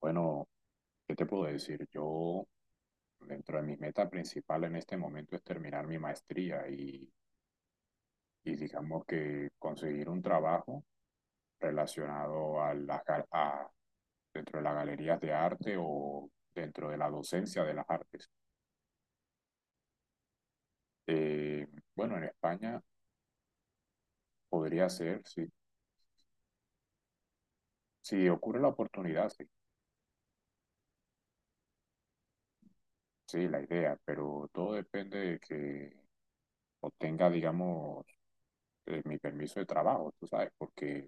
Bueno, ¿qué te puedo decir? Yo, dentro de mi meta principal en este momento es terminar mi maestría y digamos que conseguir un trabajo relacionado a dentro de las galerías de arte o dentro de la docencia de las artes. Eh, bueno, en España podría ser, sí. Si ocurre la oportunidad, sí, sí, la idea, pero todo depende de que obtenga, digamos, mi permiso de trabajo, tú sabes, porque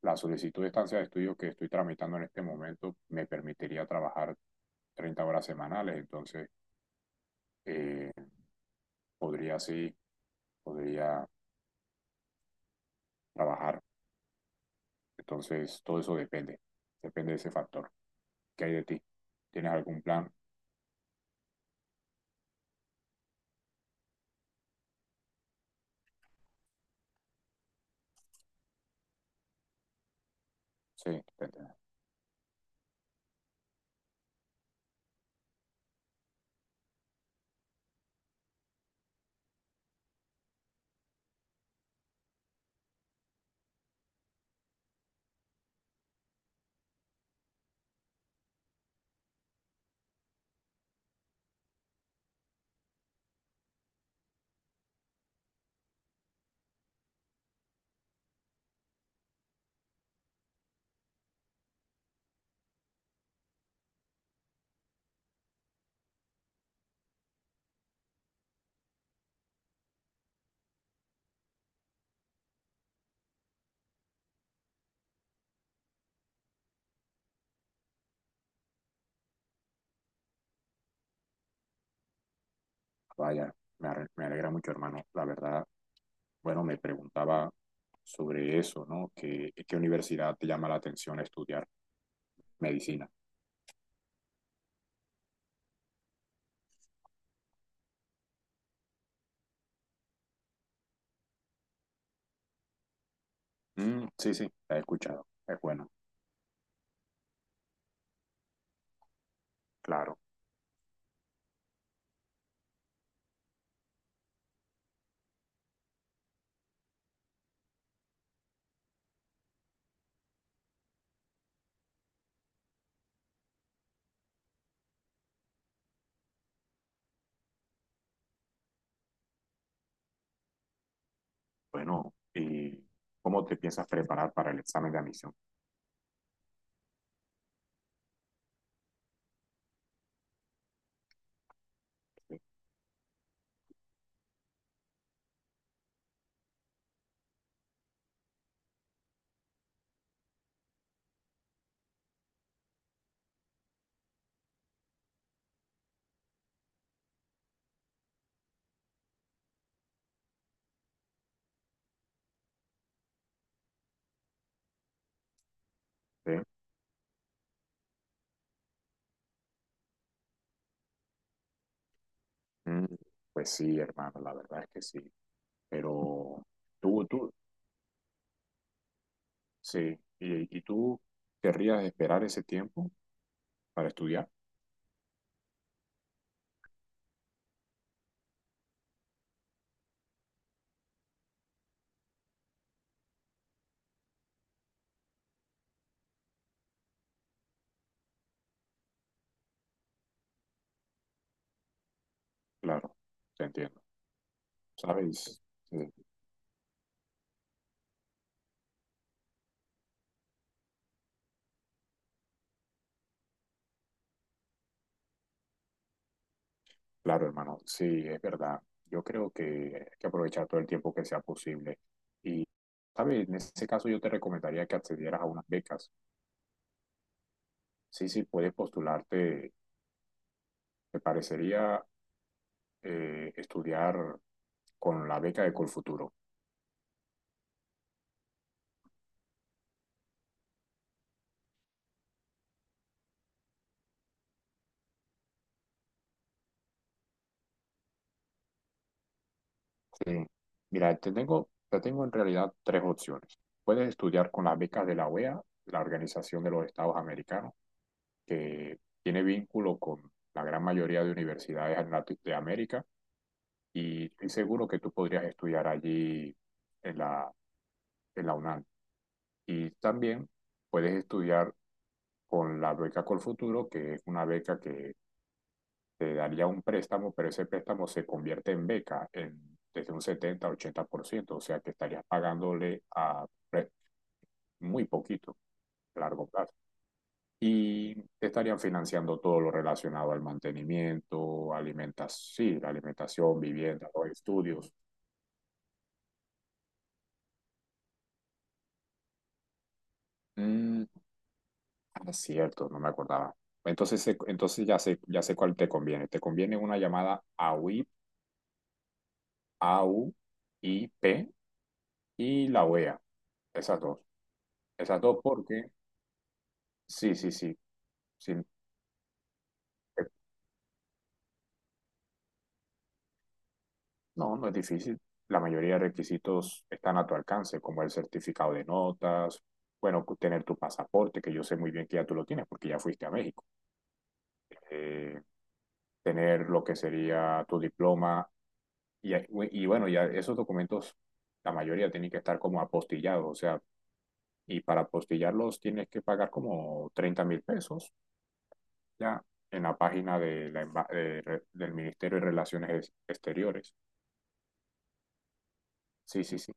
la solicitud de estancia de estudio que estoy tramitando en este momento me permitiría trabajar 30 horas semanales, entonces eh, podría sí, podría trabajar. Entonces todo eso depende de ese factor. ¿Qué hay de ti? ¿Tienes algún plan? Sí, vaya, me, me alegra mucho, hermano. La verdad, bueno, me preguntaba sobre eso, ¿no? ¿Qué universidad te llama la atención estudiar medicina? Mm, sí, sí, la he escuchado. Es bueno, claro. Bueno, ¿y cómo te piensas preparar para el examen de admisión? ¿Sí? ¿Sí? Mm, Pues sí, hermano, la verdad es que sí. Pero tú, tú, sí. ¿Y tú querrías esperar ese tiempo para estudiar? Claro, te entiendo. ¿Sabes? Sí, claro, hermano, sí, es verdad. Yo creo que hay que aprovechar todo el tiempo que sea posible. Y, ¿sabes? En ese caso yo te recomendaría que accedieras a unas becas. Sí, sí, puedes postularte. Me parecería estudiar con la beca de Colfuturo. Sí. Mira, te tengo en realidad tres opciones. Puedes estudiar con las becas de la OEA, la Organización de los Estados Americanos, que tiene vínculo con la gran mayoría de universidades en de América, y estoy seguro que tú podrías estudiar allí en la, en la UNAM. Y también puedes estudiar con la beca Colfuturo, que es una beca que te daría un préstamo, pero ese préstamo se convierte en beca en, desde un 70, 80%, o sea que estarías pagándole a pre- muy poquito a largo plazo. Y te estarían financiando todo lo relacionado al mantenimiento, alimentas, sí, la alimentación, vivienda, los estudios. Mm, ah, cierto, no me acordaba. Entonces, entonces ya sé cuál te conviene. Te conviene una llamada AUIP AUIP y la OEA. Esas dos. Esas dos porque sí, sí, sí. Sí, no, no es difícil. La mayoría de requisitos están a tu alcance, como el certificado de notas, bueno, tener tu pasaporte, que yo sé muy bien que ya tú lo tienes porque ya fuiste a México. Eh, tener lo que sería tu diploma y, y bueno, ya esos documentos, la mayoría tienen que estar como apostillados, o sea, y para apostillarlos tienes que pagar como 30.000 pesos ya en la página de la del Ministerio de Relaciones Exteriores. Sí, sí, sí.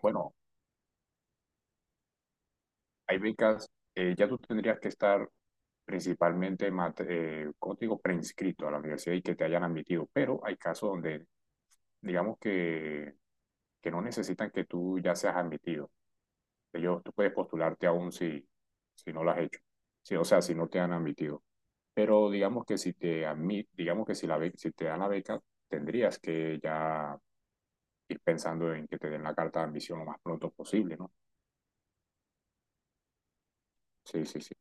Bueno. Hay becas, ya tú tendrías que estar principalmente, ¿cómo te digo?, preinscrito a la universidad y que te hayan admitido, pero hay casos donde, digamos que no necesitan que tú ya seas admitido. Ellos, tú puedes postularte aún si no lo has hecho, sí, o sea, si no te han admitido. Pero digamos que si te admit, digamos que si, la be- si te dan la beca, tendrías que ya ir pensando en que te den la carta de admisión lo más pronto posible, ¿no? Sí, sí, sí.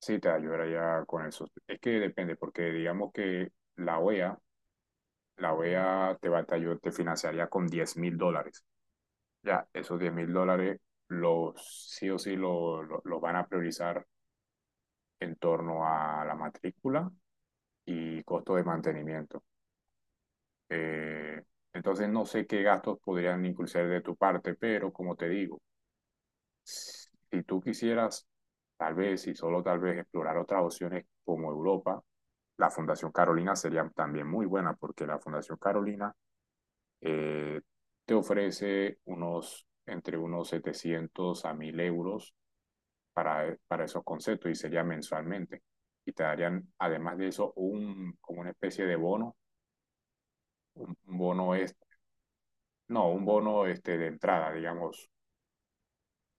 Sí, te ayudará ya con eso. Es que depende, porque digamos que la OEA, la OEA te va, te financiaría con 10.000 dólares. Ya, esos 10.000 dólares los sí o sí los van a priorizar en torno a la matrícula y costo de mantenimiento. Eh, entonces no sé qué gastos podrían incluirse de tu parte, pero como te digo, si tú quisieras, tal vez, y solo tal vez, explorar otras opciones como Europa, la Fundación Carolina sería también muy buena porque la Fundación Carolina eh, te ofrece unos, entre unos 700 a 1.000 euros para esos conceptos y sería mensualmente. Y te darían, además de eso, un, como una especie de bono, un bono es, no, un bono este, de entrada, digamos,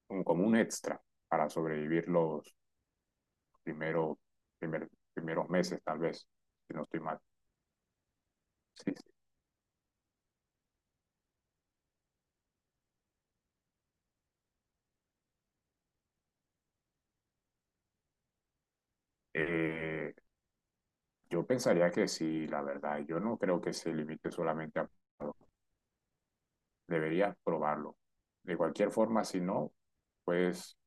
un, como un extra para sobrevivir los, primero, primer, primeros meses, tal vez, si no estoy mal. Sí, sí. Eh, yo pensaría que sí, la verdad. Yo no creo que se limite solamente a probarlo. Deberías probarlo. De cualquier forma, si no, puedes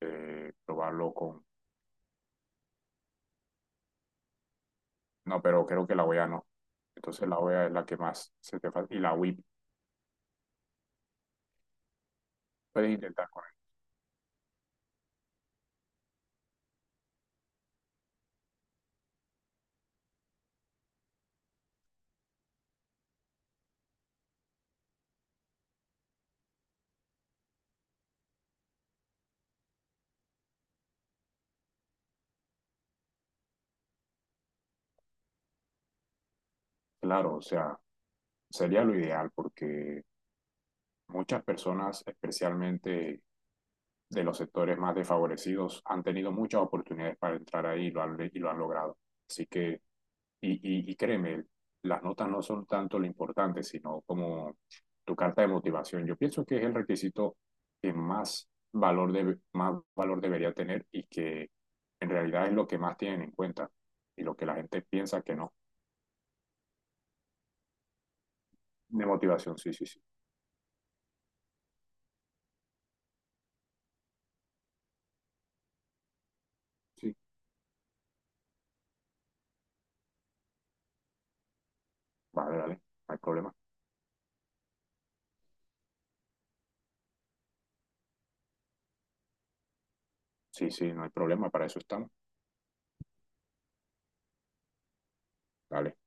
probarlo con... No, pero creo que la OEA no. Entonces la OEA es la que más se te falta. Y la WIP puedes intentar con él. Claro, o sea, sería lo ideal porque muchas personas, especialmente de los sectores más desfavorecidos han tenido muchas oportunidades para entrar ahí y lo han logrado. Así que, y, y créeme, las notas no son tanto lo importante, sino como tu carta de motivación. Yo pienso que es el requisito que más valor, más valor debería tener y que en realidad es lo que más tienen en cuenta y lo que la gente piensa que no. De motivación, sí, sí, sí. Sí. Vale, dale, no hay problema. Sí, sí, no hay problema, para eso estamos. Dale.